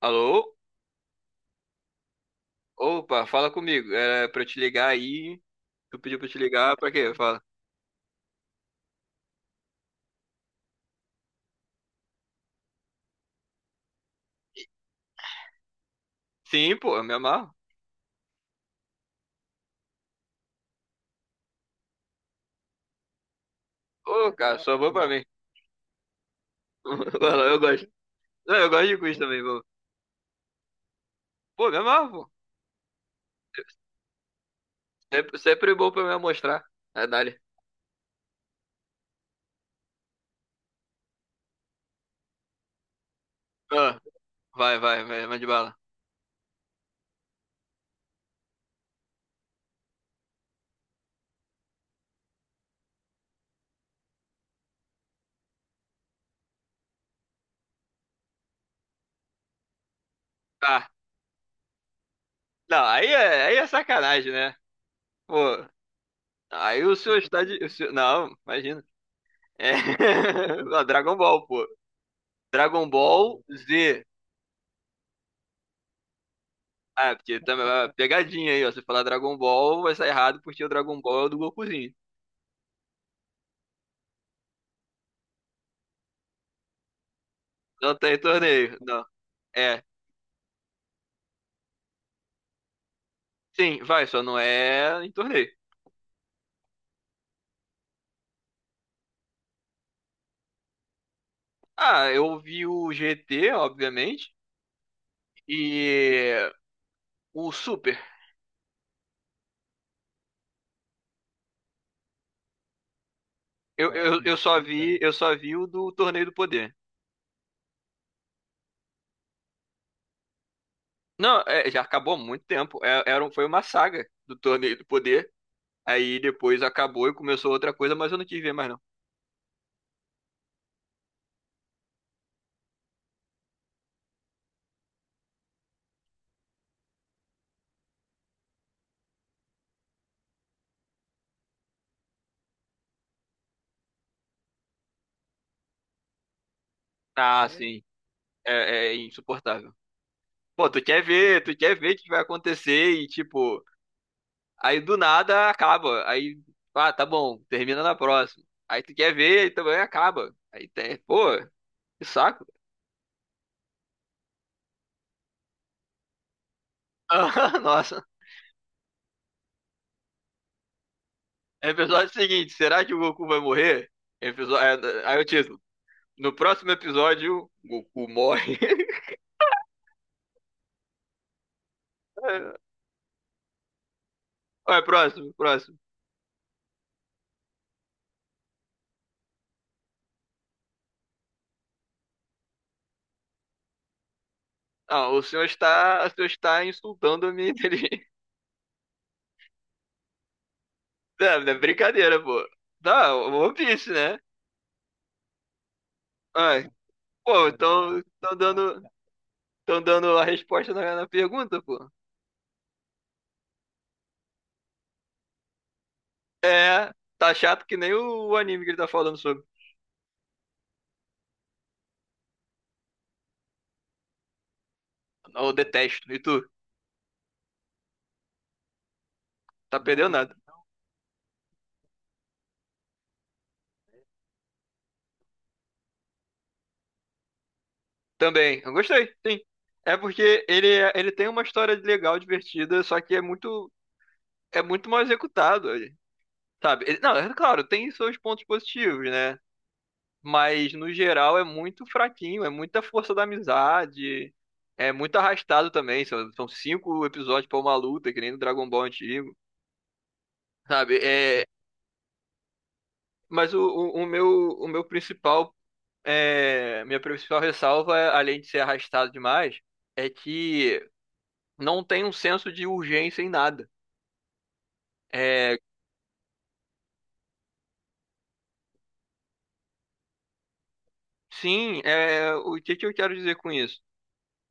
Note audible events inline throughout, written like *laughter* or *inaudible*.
Alô? Opa, fala comigo. É pra eu te ligar aí. Tu pediu pra eu te ligar pra quê? Fala. Sim, pô, eu me amarro. Ô, cara, só vou pra mim. *laughs* Fala, eu gosto. Não, eu gosto de quiz também, pô. Pô, me amarro, pô. Sempre, sempre bom pra me mostrar. É, dali. Ah, vai, vai, vai, mande bala. Tá. Não, aí é sacanagem, né? Pô, aí o senhor está de. Não, imagina. É... *laughs* Não, Dragon Ball, pô. Dragon Ball Z. Ah, é, porque também é pegadinha aí, ó. Se falar Dragon Ball, vai sair errado porque o Dragon Ball é o do Gokuzinho. Não tem torneio, não. É. Sim, vai, só não é em torneio. Ah, eu vi o GT, obviamente, e o Super. Eu só vi, eu só vi o do Torneio do Poder. Não, é, já acabou há muito tempo. Foi uma saga do Torneio do Poder. Aí depois acabou e começou outra coisa, mas eu não quis ver mais não. Ah, sim. É, é insuportável. Pô, tu quer ver o que vai acontecer e, tipo, aí do nada acaba. Aí, ah, tá bom, termina na próxima. Aí tu quer ver e também acaba. Aí tem, pô, que saco. *laughs* Ah, nossa. Episódio seguinte, será que o Goku vai morrer? Episódio, aí o título. No próximo episódio, Goku morre. *laughs* Olha, próximo, próximo. Ah, o senhor está insultando a minha inteligência. *laughs* Não, não é brincadeira, pô. Não, One Piece, né? Ah, pô, então estão dando, tão dando a resposta na, na pergunta, pô. É, tá chato que nem o anime que ele tá falando sobre. Eu detesto, e tu? Tá perdendo nada. Também, eu gostei, sim. É porque ele, é- ele tem uma história legal, divertida, só que é muito mal executado, sabe? Ele- não, é claro, tem seus pontos positivos, né? Mas, no geral, é muito fraquinho, é muita força da amizade, é muito arrastado também. São, são cinco episódios pra uma luta, que nem no Dragon Ball antigo, sabe? É, mas o meu principal, é, minha principal ressalva, além de ser arrastado demais, é que não tem um senso de urgência em nada. É, sim, é, o que que eu quero dizer com isso?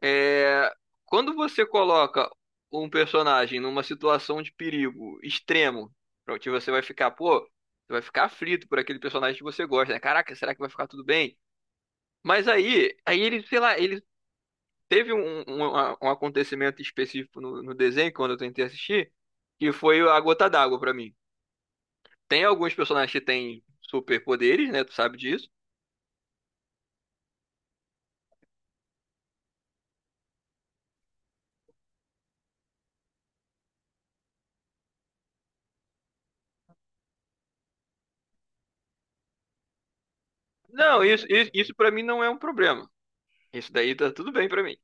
É, quando você coloca um personagem numa situação de perigo extremo, pra que você vai ficar, pô, você vai ficar aflito por aquele personagem que você gosta, né? Caraca, será que vai ficar tudo bem? Mas aí, aí ele, sei lá, ele Teve um, um, um acontecimento específico no desenho, quando eu tentei assistir, que foi a gota d'água pra mim. Tem alguns personagens que têm superpoderes, né? Tu sabe disso. Não, isso para mim não é um problema. Isso daí tá tudo bem pra mim.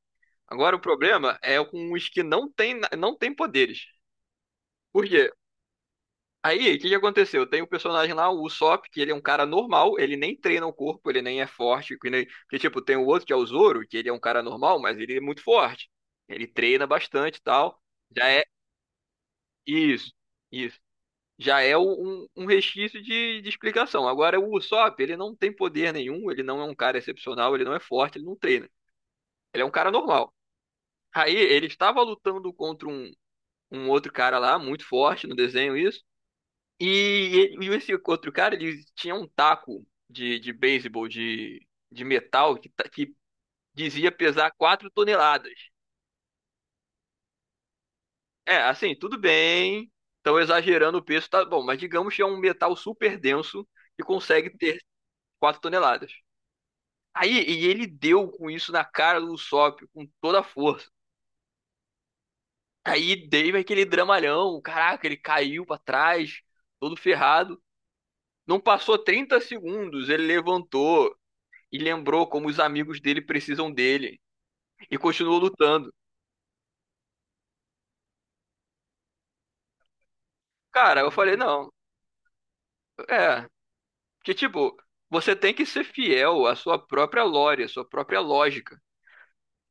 Agora, o problema é com os que não têm, não têm poderes. Por quê? Aí, o que que aconteceu? Tem o personagem lá, o Usopp, que ele é um cara normal, ele nem treina o corpo, ele nem é forte, que nem... Que, tipo, tem o outro que é o Zoro, que ele é um cara normal, mas ele é muito forte. Ele treina bastante e tal. Já é isso, isso. Já é um resquício de explicação. Agora, o Usopp, ele não tem poder nenhum, ele não é um cara excepcional, ele não é forte, ele não treina. Ele é um cara normal. Aí, ele estava lutando contra um outro cara lá, muito forte no desenho, isso. E esse outro cara, ele tinha um taco de beisebol de metal que, que dizia pesar 4 toneladas. É, assim, tudo bem, estão exagerando o peso, tá bom, mas digamos que é um metal super denso que consegue ter 4 toneladas. Aí, e ele deu com isso na cara do Usopp com toda a força. Aí deu aquele dramalhão, caraca, ele caiu pra trás, todo ferrado. Não passou 30 segundos, ele levantou, e lembrou como os amigos dele precisam dele e continuou lutando. Cara, eu falei, não, é, que tipo, você tem que ser fiel à sua própria lore, à sua própria lógica,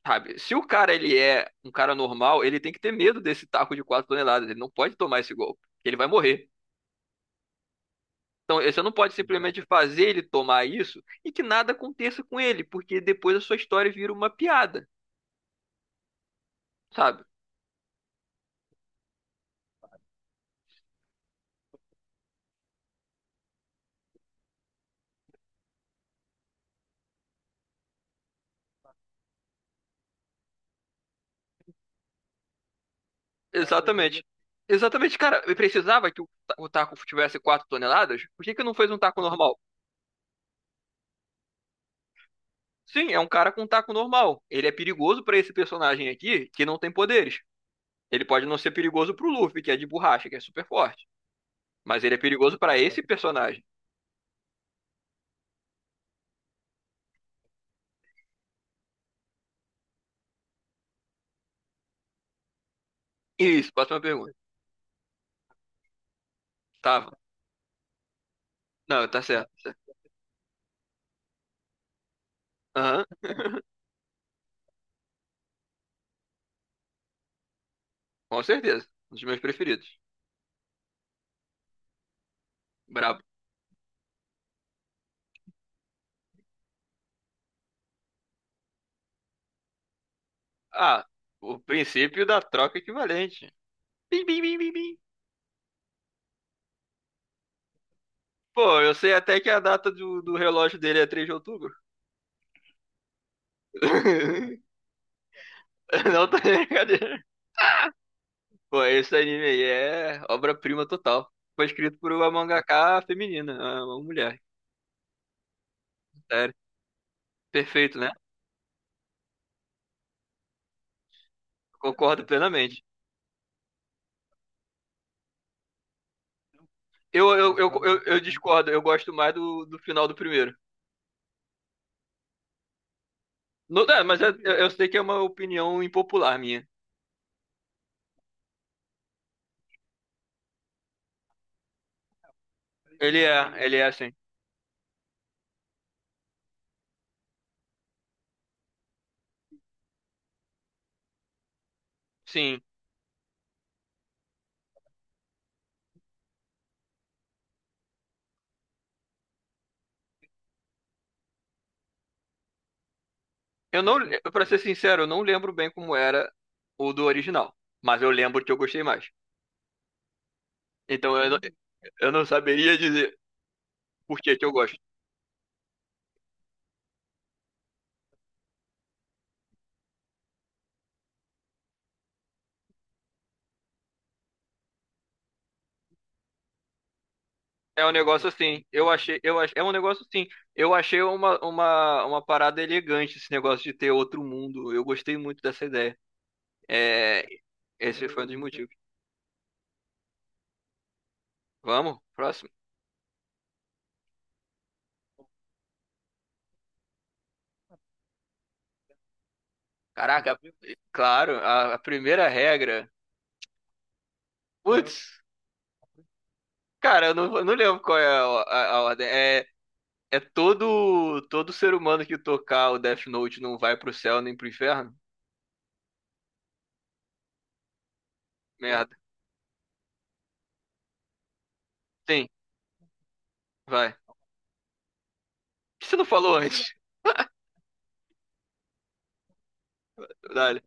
sabe? Se o cara ele é um cara normal, ele tem que ter medo desse taco de 4 toneladas, ele não pode tomar esse golpe, ele vai morrer. Então, você não pode simplesmente fazer ele tomar isso e que nada aconteça com ele, porque depois a sua história vira uma piada, sabe? Exatamente. Exatamente, cara. Eu precisava que o o taco tivesse 4 toneladas? Por que que não fez um taco normal? Sim, é um cara com um taco normal. Ele é perigoso pra esse personagem aqui, que não tem poderes. Ele pode não ser perigoso pro Luffy, que é de borracha, que é super forte. Mas ele é perigoso pra esse personagem. Isso, próxima pergunta. Tava. Não, tá certo, tá certo. Aham, com certeza. Um dos meus preferidos. Brabo. Ah, o princípio da troca equivalente. Bim, bim, bim, bim, bim. Pô, eu sei até que a data do, do relógio dele é 3 de outubro. *laughs* Não tá brincadeira. Pô, esse anime aí é obra-prima total. Foi escrito por uma mangaka feminina, uma mulher. Sério. Perfeito, né? Concordo plenamente. Eu discordo, eu gosto mais do, do final do primeiro. Não, dá, mas é- eu sei que é uma opinião impopular minha. Ele é assim. Sim. Eu não, pra ser sincero, eu não lembro bem como era o do original. Mas eu lembro que eu gostei mais. Então eu, não- eu não saberia dizer por que que eu gosto. É um negócio assim, eu achei, eu ach- É um negócio assim, eu achei uma, uma parada elegante esse negócio de ter outro mundo, eu gostei muito dessa ideia, é, esse foi um dos motivos. Vamos, próximo. Caraca, claro, a primeira regra, putz, cara, eu não lembro qual é a, a ordem, é, é todo, todo ser humano que tocar o Death Note não vai pro céu nem pro inferno? Merda, sim, vai. Por que você não falou antes? Dale.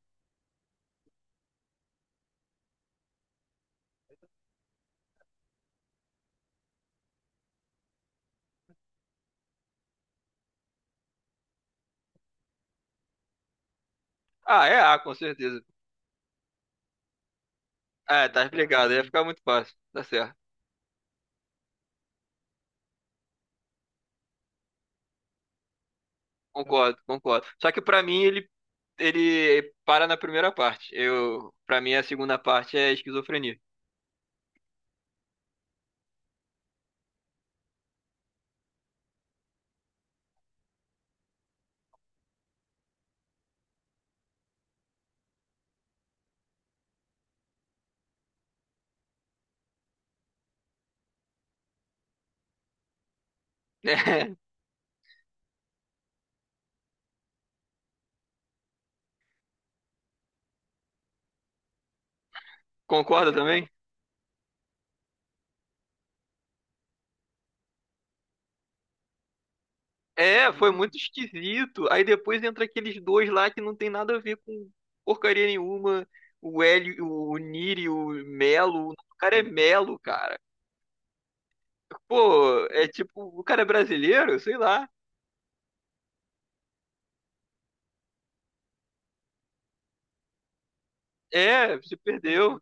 Ah, é A, com certeza. É, tá explicado, ia ficar muito fácil. Tá certo. Concordo, concordo. Só que pra mim ele ele para na primeira parte. Eu, para mim a segunda parte é esquizofrenia. *laughs* É, concorda também? É, foi muito esquisito. Aí depois entra aqueles dois lá que não tem nada a ver com porcaria nenhuma. O Hélio, o Niri, o Melo. O cara é Melo, cara. Pô, é tipo, o cara é brasileiro, sei lá. É, se perdeu.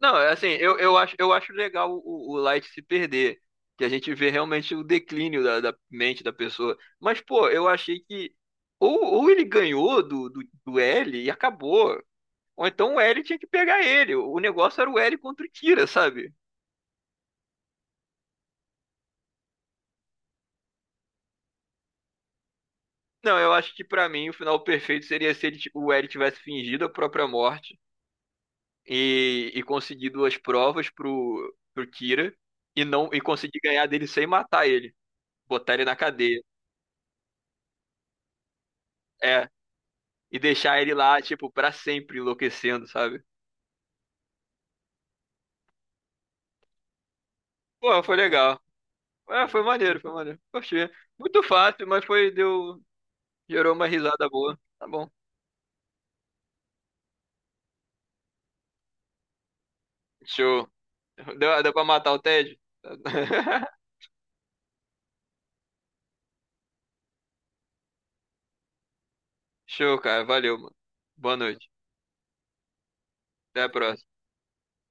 Não, é assim, eu acho legal o Light se perder, que a gente vê realmente o declínio da, da mente da pessoa. Mas, pô, eu achei que ou ele ganhou do L e acabou, ou então o L tinha que pegar ele. O negócio era o L contra o Kira, sabe? Não, eu acho que pra mim o final perfeito seria se ele, o L tivesse fingido a própria morte e conseguido as provas pro Kira e não e conseguir ganhar dele sem matar ele, botar ele na cadeia. É. E deixar ele lá, tipo, pra sempre enlouquecendo, sabe? Pô, foi legal. É, foi maneiro, foi maneiro. Gostei. Muito fácil, mas foi, deu, gerou uma risada boa. Tá bom. Show. Deu, deu pra matar o Ted? *laughs* Show, cara. Valeu, mano. Boa noite. Até a próxima.